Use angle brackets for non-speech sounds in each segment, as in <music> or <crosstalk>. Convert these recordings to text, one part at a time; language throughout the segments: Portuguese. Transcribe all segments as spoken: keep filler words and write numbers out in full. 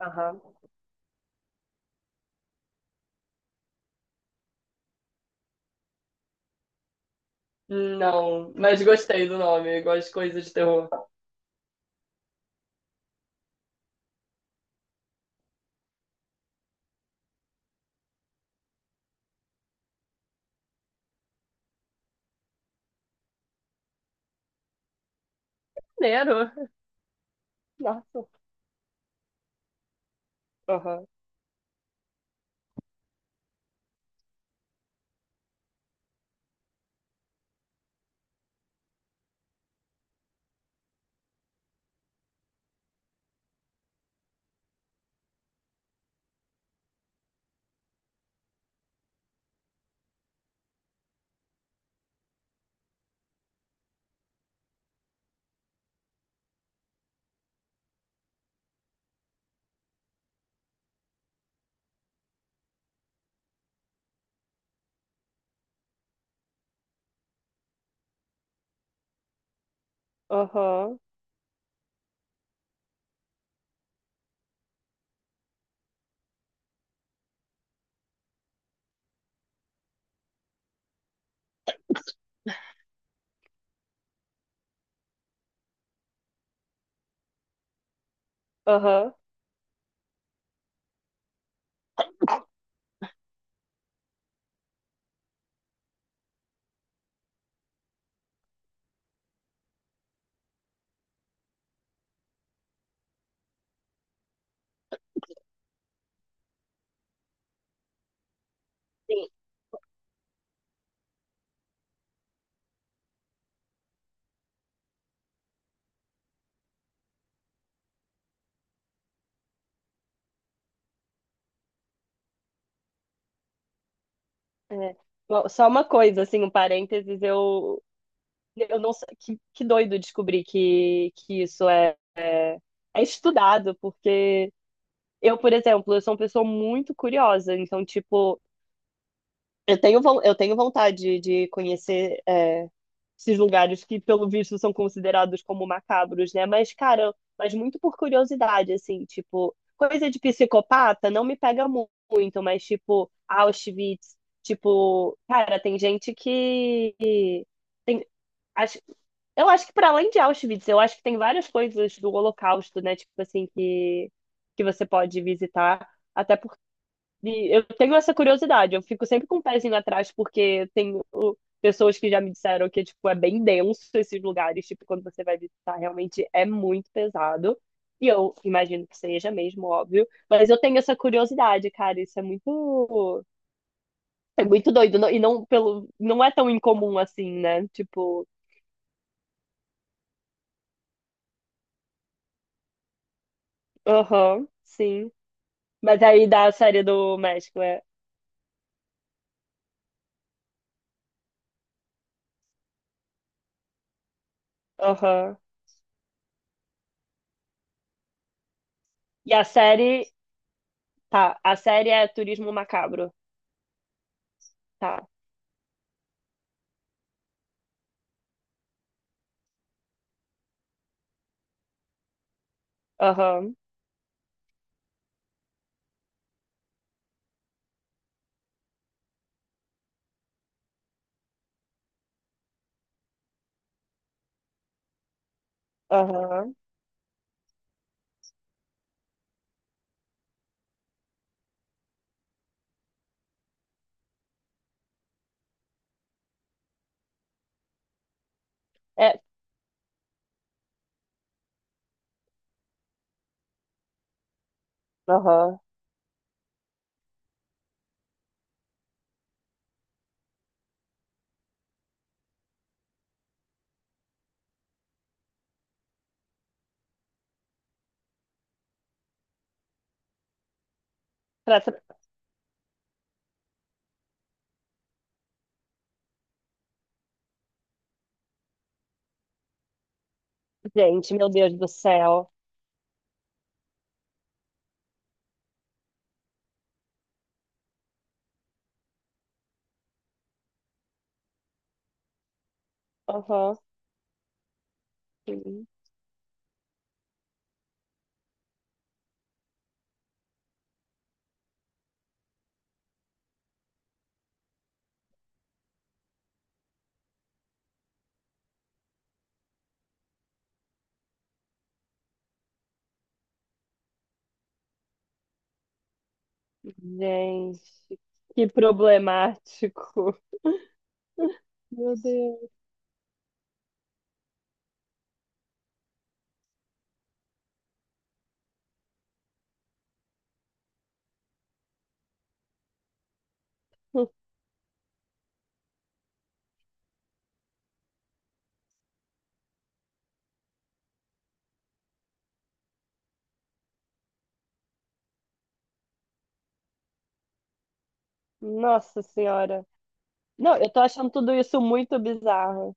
Aham. Não, mas gostei do nome, gosto de coisas de terror. Maneiro. Nossa. Aham, aham, aham. Sim. É. Bom, só uma coisa, assim, um parênteses, eu, eu não sei, que, que doido descobrir que, que isso é, é estudado, porque eu, por exemplo, eu sou uma pessoa muito curiosa, então, tipo, eu tenho, von- eu tenho vontade de conhecer é, esses lugares que, pelo visto, são considerados como macabros, né? Mas, cara, mas muito por curiosidade, assim, tipo, coisa de psicopata não me pega mu- muito, mas, tipo, Auschwitz, tipo, cara, tem gente que tem, acho, eu acho que para além de Auschwitz, eu acho que tem várias coisas do Holocausto, né? Tipo assim, que, que você pode visitar. Até de- eu tenho essa curiosidade, eu fico sempre com o pezinho atrás, porque tenho pessoas que já me disseram que, tipo, é bem denso esses lugares, tipo, quando você vai visitar, realmente é muito pesado. E eu imagino que seja mesmo, óbvio. Mas eu tenho essa curiosidade, cara, isso é muito, é muito doido. não- E não, pelo, não é tão incomum assim, né? Tipo, aham, sim. Mas aí da série do México é, aham. E a série, tá, a série é Turismo Macabro, tá, aham. Aham. É. Aham. Praça... Gente, meu Deus do céu. Aham. Gente, que problemático. Meu Deus. Nossa Senhora. Não, eu tô achando tudo isso muito bizarro.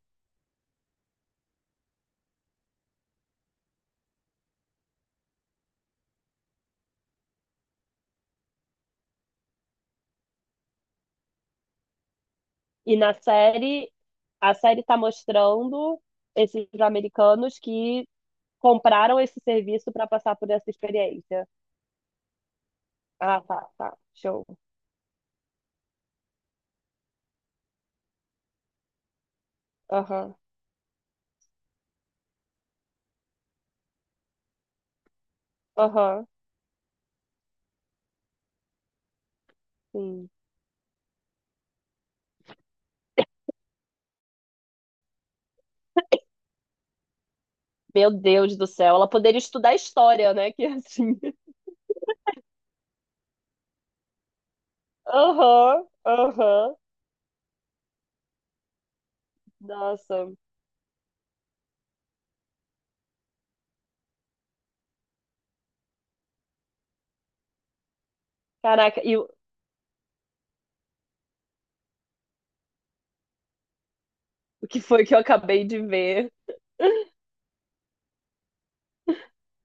E na série, a série tá mostrando esses americanos que compraram esse serviço pra passar por essa experiência. Ah, tá, tá. Show. Aham. Aham. Sim. Meu Deus do céu, ela poderia estudar história, né? Que assim. <laughs> Aham, aham. Nossa. Caraca, e o o que foi que eu acabei de ver?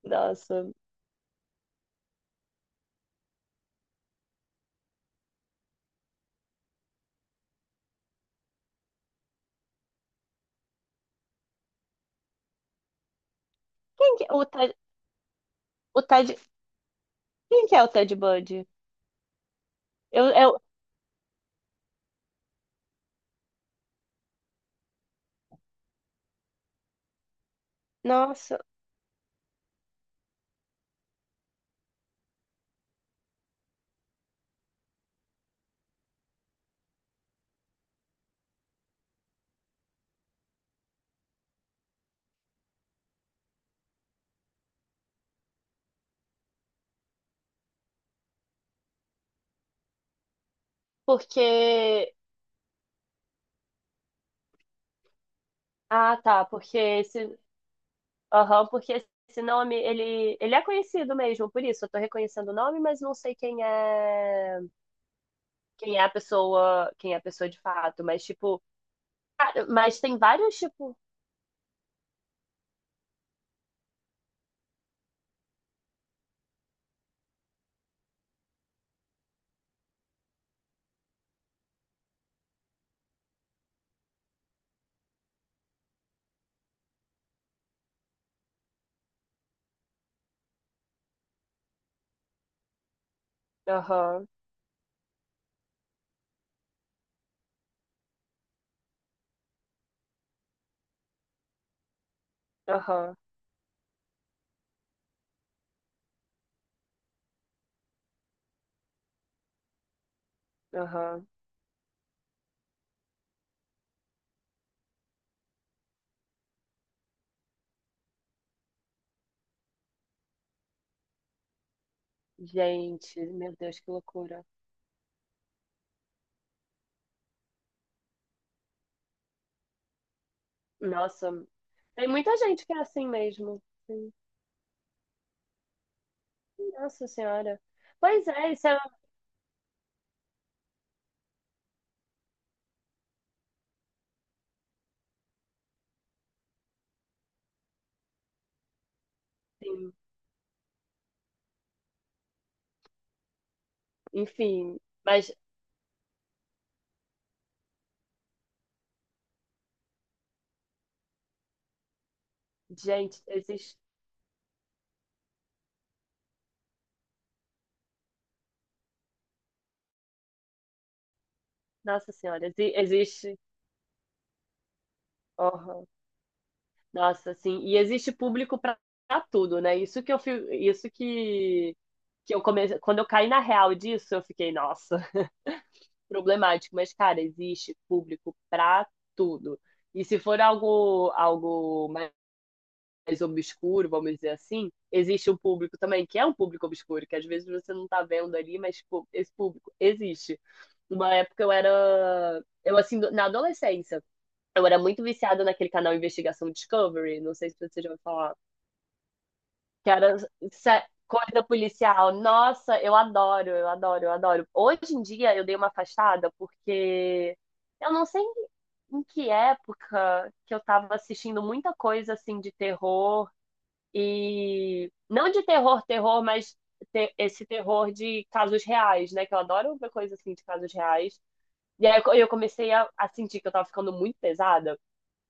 Nossa. Quem que é o Ted, o Ted, quem que é o Ted Bundy? Eu, eu, nossa, porque ah, tá, porque esse, aham, porque esse nome ele, ele é conhecido mesmo, por isso eu tô reconhecendo o nome, mas não sei quem é, quem é a pessoa, quem é a pessoa de fato, mas tipo, cara, mas tem vários tipo aham, aham, aham. Gente, meu Deus, que loucura. Nossa, tem muita gente que é assim mesmo. Sim. Nossa Senhora. Pois é, isso é assim. Enfim, mas, gente, existe. Nossa Senhora, exi- existe. Aham. Nossa, assim, e existe público pra pra tudo, né? Isso que eu fi- isso que, que eu comecei. Quando eu caí na real disso, eu fiquei, nossa. Problemático, mas, cara, existe público pra tudo. E se for algo, algo mais obscuro, vamos dizer assim, existe um público também, que é um público obscuro, que às vezes você não tá vendo ali, mas pô, esse público existe. Uma época eu era. Eu, assim, do- na adolescência, eu era muito viciada naquele canal Investigação Discovery, não sei se você já ouviu falar que era se- corrida policial. Nossa, eu adoro, eu adoro, eu adoro. Hoje em dia eu dei uma afastada porque eu não sei em que época que eu tava assistindo muita coisa assim de terror e não de terror, terror, mas te- esse terror de casos reais, né? Que eu adoro ver coisa assim de casos reais. E aí eu eu comecei a, a sentir que eu tava ficando muito pesada.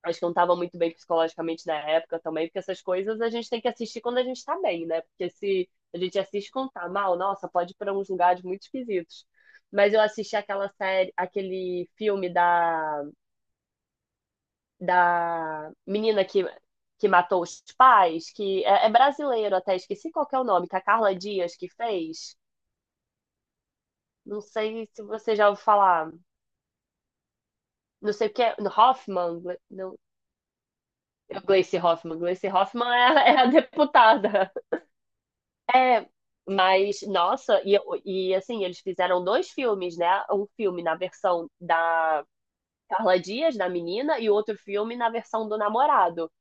Acho que não estava muito bem psicologicamente na época também, porque essas coisas a gente tem que assistir quando a gente está bem, né? Porque se a gente assiste quando tá mal, nossa, pode ir para uns lugares muito esquisitos. Mas eu assisti aquela série, aquele filme da, da menina que, que matou os pais, que é, é brasileiro até, esqueci qual que é o nome, que a Carla Dias que fez. Não sei se você já ouviu falar. Não sei o que é. Hoffman? Gle- Não, Gleice Hoffman. Gleice Hoffman é, é a deputada. É, mas, nossa, e, e assim, eles fizeram dois filmes, né? Um filme na versão da Carla Dias, da menina, e outro filme na versão do namorado.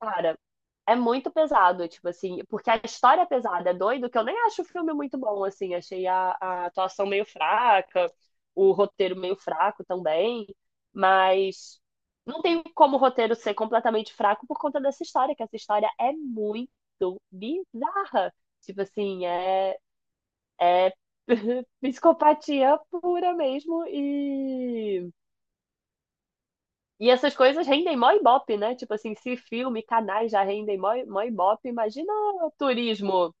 Cara, é muito pesado, tipo assim, porque a história é pesada, é doido, que eu nem acho o filme muito bom, assim, achei a, a atuação meio fraca, o roteiro meio fraco também, mas não tem como o roteiro ser completamente fraco por conta dessa história, que essa história é muito bizarra. Tipo assim, é é <laughs> psicopatia pura mesmo e e essas coisas rendem mó ibope, né? Tipo assim, se filme, canais já rendem mó, mó ibope, imagina o turismo.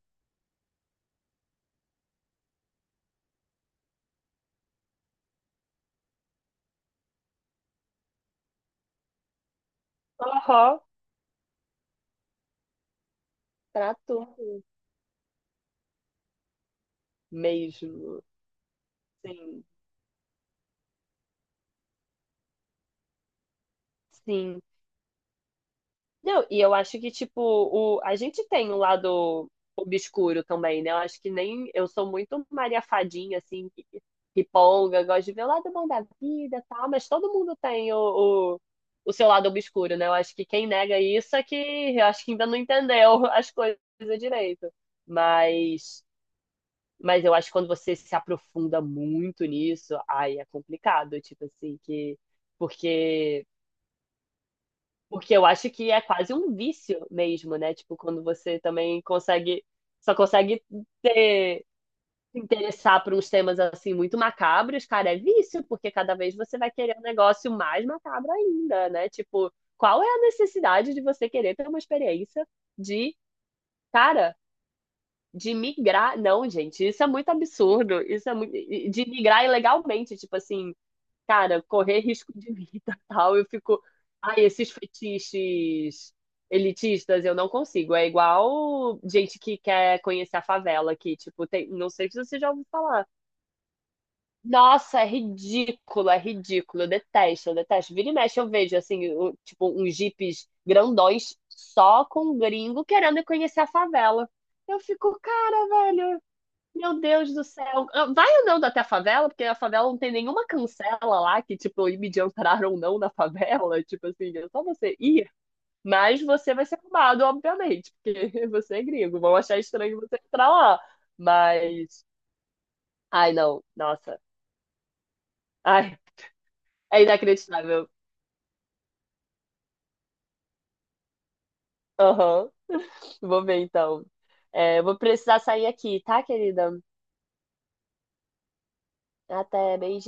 Aham, pra tudo mesmo. Sim, sim. Não, e eu acho que, tipo, o, a gente tem um lado obscuro também, né? Eu acho que nem. Eu sou muito Maria Fadinha, assim, que- riponga, gosto de ver o lado bom da vida e tal, mas todo mundo tem o, o, o seu lado obscuro, né? Eu acho que quem nega isso é que. Eu acho que ainda não entendeu <laughs> as coisas direito. Mas. Mas eu acho que quando você se aprofunda muito nisso, ai é complicado, tipo assim, que. Porque. Porque eu acho que é quase um vício mesmo, né? Tipo, quando você também consegue, só consegue ter, se interessar por uns temas assim muito macabros, cara, é vício, porque cada vez você vai querer um negócio mais macabro ainda, né? Tipo, qual é a necessidade de você querer ter uma experiência de, cara, de migrar? Não, gente, isso é muito absurdo. Isso é muito, de migrar ilegalmente, tipo assim, cara, correr risco de vida, <laughs> tal. Eu fico, ai, esses fetiches elitistas eu não consigo. É igual gente que quer conhecer a favela aqui, tipo, tem, não sei se você já ouviu falar. Nossa, é ridículo, é ridículo. Eu detesto, eu detesto. Vira e mexe eu vejo assim, o- tipo, uns jipes grandões só com um gringo querendo conhecer a favela. Eu fico, cara, velho. Meu Deus do céu. Ah, vai andando até a favela, porque a favela não tem nenhuma cancela lá que, tipo, me entrar ou não na favela. <laughs> Tipo assim, é só você ir. Mas você vai ser roubado, obviamente, porque <laughs> você é gringo. Vão achar estranho você entrar lá. Mas. Ai, não. Nossa. Ai, é inacreditável. Aham. <laughs> Vou ver então. É, eu vou precisar sair aqui, tá, querida? Até, beijinho.